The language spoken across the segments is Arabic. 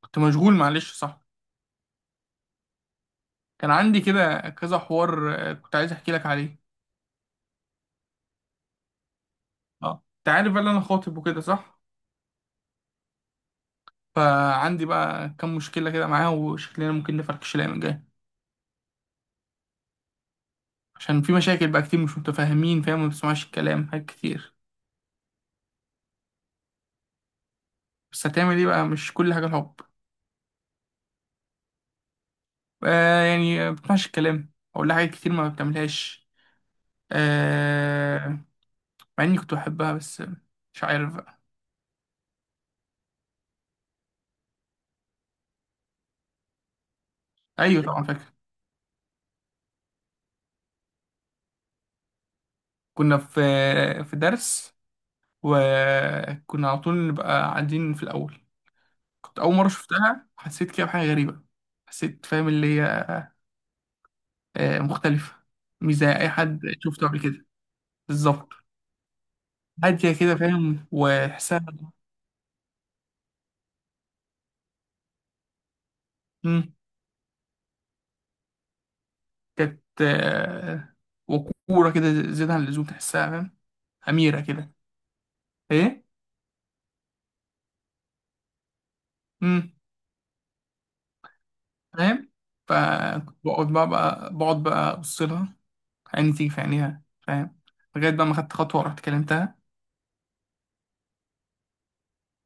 كنت مشغول، معلش، صح. كان عندي كده كذا حوار، كنت عايز احكي لك عليه. اه، انت عارف بقى إن انا خاطب وكده، صح. فعندي بقى كام مشكله كده معاه، وشكلنا ممكن نفركش الايام الجايه. عشان في مشاكل بقى كتير، مش متفاهمين، فاهم، ما بتسمعش الكلام حاجات كتير. بس هتعمل ايه بقى، مش كل حاجه الحب. ما بتسمعش الكلام، اقول لها حاجات كتير ما بتعملهاش. آه. مع اني كنت بحبها، بس مش عارف بقى. ايوه طبعا فاكر. كنا في في درس، وكنا على طول نبقى قاعدين في الأول. كنت أول مرة شفتها، حسيت كده بحاجة غريبة. حسيت، فاهم، اللي هي مختلفة، مش زي أي حد شفته قبل كده. بالظبط. هادية كده، فاهم، وتحسها. مم، كانت وقورة كده زيادة عن اللزوم، تحسها فاهم. أميرة كده. إيه. مم. فاهم. فكنت بقعد بقى أبص لها، عيني تيجي في عينيها، فاهم. لغاية بقى ما خدت خطوة ورحت كلمتها.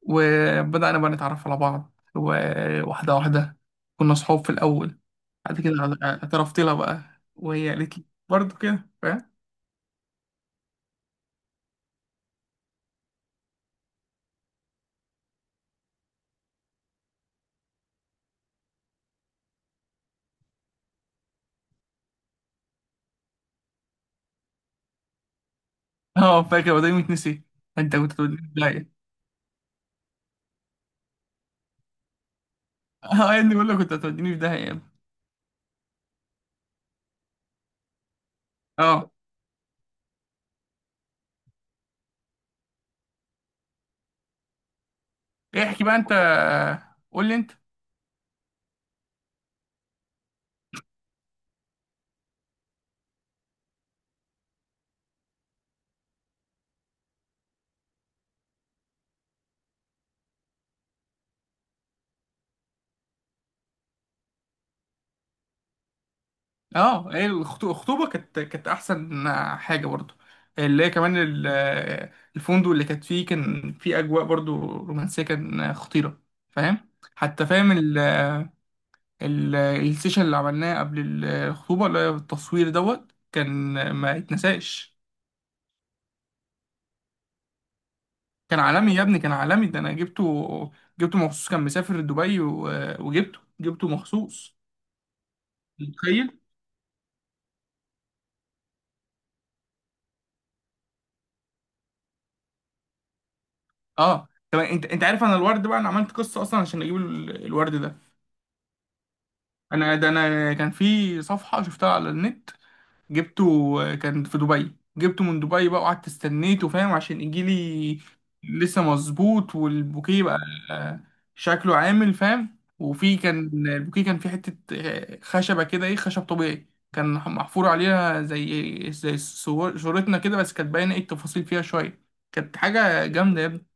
وبدأنا بقى نتعرف على بعض، وواحدة واحدة. كنا صحاب في الأول، بعد كده اعترفت لها بقى، وهي قالت لي برضه كده، فاهم. اه فاكر، وده يتنسي؟ انت كنت توديني في داهية. اه يا ابني، بقول لك كنت هتوديني في داهية يا ابني. اه، احكي بقى انت. قول لي انت. اه، هي الخطوبة كانت أحسن حاجة برضه، اللي هي كمان الفندق اللي كانت فيه، كان فيه أجواء برضه رومانسية، كان خطيرة، فاهم، حتى، فاهم. السيشن اللي عملناه قبل الخطوبة، اللي هي التصوير دوت، كان ما يتنساش. كان عالمي يا ابني، كان عالمي، ده انا جبته. جبته مخصوص، كان مسافر دبي وجبته مخصوص. متخيل. اه، طب انت عارف، انا الورد بقى انا عملت قصة اصلا عشان اجيب الورد ده. ده انا كان في صفحة شفتها على النت، جبته. كان في دبي، جبته من دبي بقى، وقعدت استنيته، فاهم، عشان يجيلي. لسه مظبوط، والبوكيه بقى آه، شكله عامل، فاهم. وفي كان البوكيه، كان في حتة خشبة كده، ايه، خشب طبيعي، كان محفور عليها زي صورتنا كده، بس كانت باينة ايه التفاصيل فيها شوية. كانت حاجة جامدة يا ابني.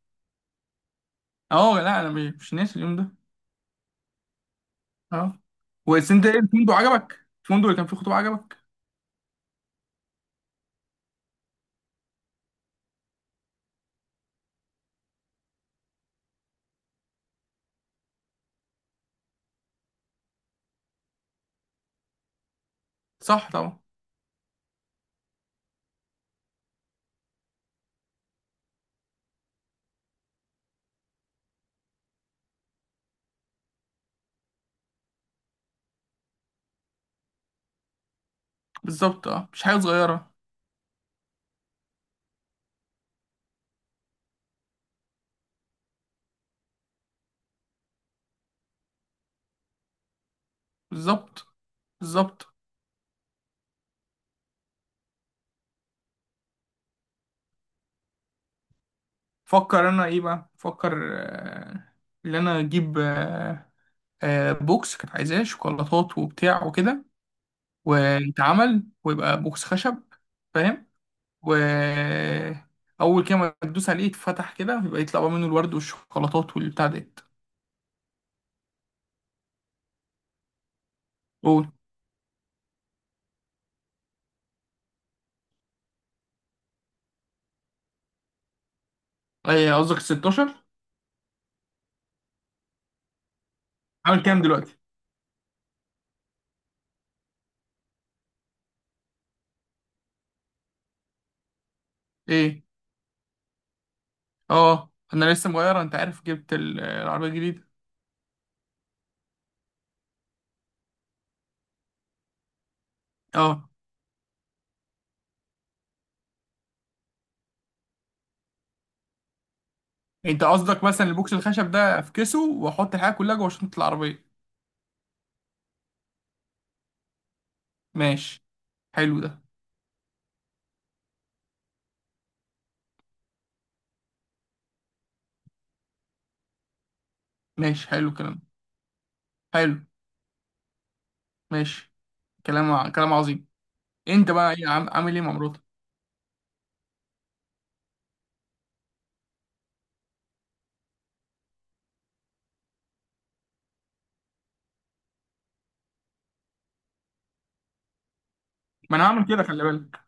اه، لا، انا مش ناسي اليوم ده. اه، بس انت ايه، الفندق عجبك؟ الفندق اللي كان فيه خطوبة عجبك؟ صح طبعا. بالظبط، اه، مش حاجة صغيرة. بالظبط. بالظبط. فكر انا، ايه بقى، فكر. آه، ان انا اجيب بوكس، كانت عايزاه شوكولاتات وبتاع وكده، ويتعمل، ويبقى بوكس خشب، فاهم. و اول كده ما تدوس عليه يتفتح كده، يبقى يطلع بقى منه الورد والشوكولاتات والبتاع ديت. قول. ايه قصدك، 16؟ عامل كام دلوقتي؟ ايه. اه، انا لسه مغير، انت عارف، جبت العربيه الجديده. اه، انت قصدك مثلا البوكس الخشب ده افكسه واحط الحاجه كلها جوه شنطه العربيه؟ ماشي، حلو ده. ماشي، حلو الكلام. حلو. ماشي. كلام عظيم. انت بقى ايه، عامل ايه مع مراتك؟ ما انا هعمل كده، خلي بالك.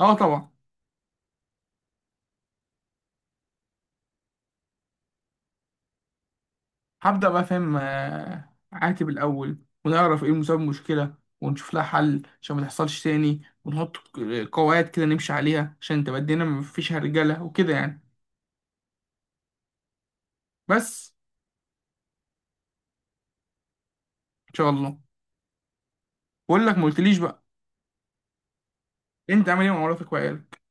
اه طبعا. هبدأ بقى، فاهم، عاتب الاول، ونعرف ايه مسبب المشكلة، ونشوف لها حل عشان ما تحصلش تاني، ونحط قواعد كده نمشي عليها عشان تبقى الدنيا ما فيش هرجلة وكده يعني. بس. ان شاء الله. بقول لك، ما قلتليش بقى، انت عامل ايه مع مراتك وعيالك؟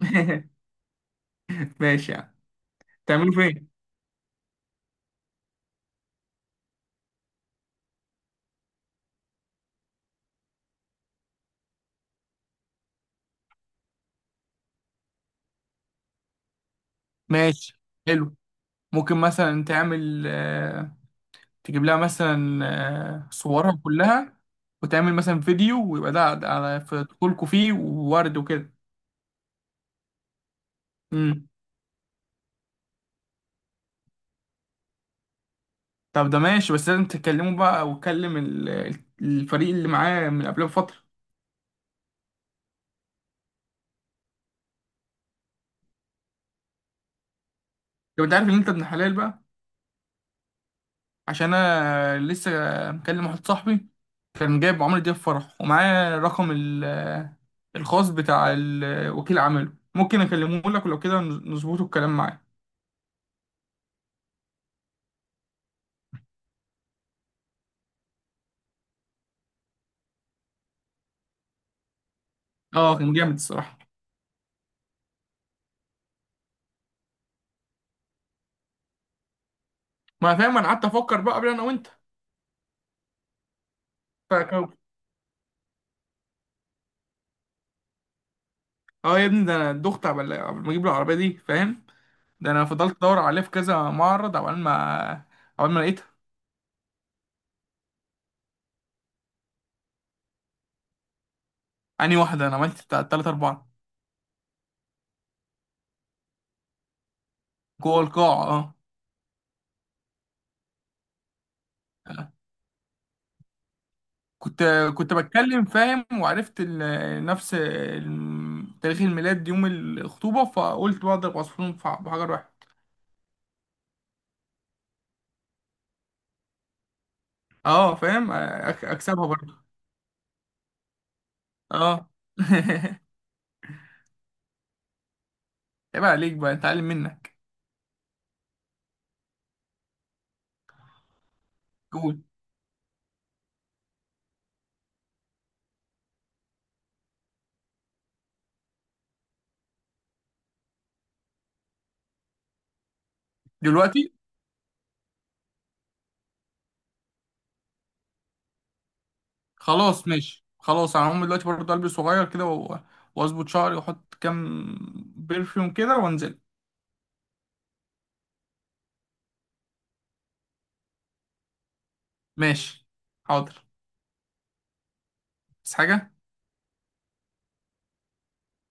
ماشي يعني. تعملوا فين؟ ماشي، حلو. ممكن مثلا تعمل تجيب لها مثلا صورها كلها، وتعمل مثلا فيديو، ويبقى ده على في دخولكوا، فيه وورد وكده. امم. طب ده ماشي، بس لازم تكلمه بقى وتكلم الفريق اللي معاه من قبلها بفترة. طب انت عارف ان انت ابن حلال بقى. عشان انا لسه مكلم واحد صاحبي، كان جايب عمرو دياب فرح، ومعاه رقم الخاص بتاع وكيل عمله، ممكن اكلمه لك ولو كده نظبطه الكلام معاه. اه، كان جامد الصراحة. ما فاهم، انا قعدت افكر بقى قبل، انا وانت. اه يا ابني، ده انا دخت قبل ما اجيب العربيه دي، فاهم. ده انا فضلت ادور عليها في كذا معرض، عقبال ما لقيتها. انهي واحده، انا عملت بتاع تلات اربعه. جوه القاعه، اه. كنت كنت بتكلم، فاهم، وعرفت نفس تاريخ الميلاد يوم الخطوبه، فقلت بقى اضرب عصفورين في بحجر واحد. اه، فاهم، اكسبها برضه. اه. عيب عليك بقى، اتعلم منك. قول. دلوقتي. خلاص ماشي. خلاص انا هقوم دلوقتي برضه، البس صغير كده واظبط شعري، واحط كام برفيوم كده، وانزل. ماشي. حاضر. بس حاجه.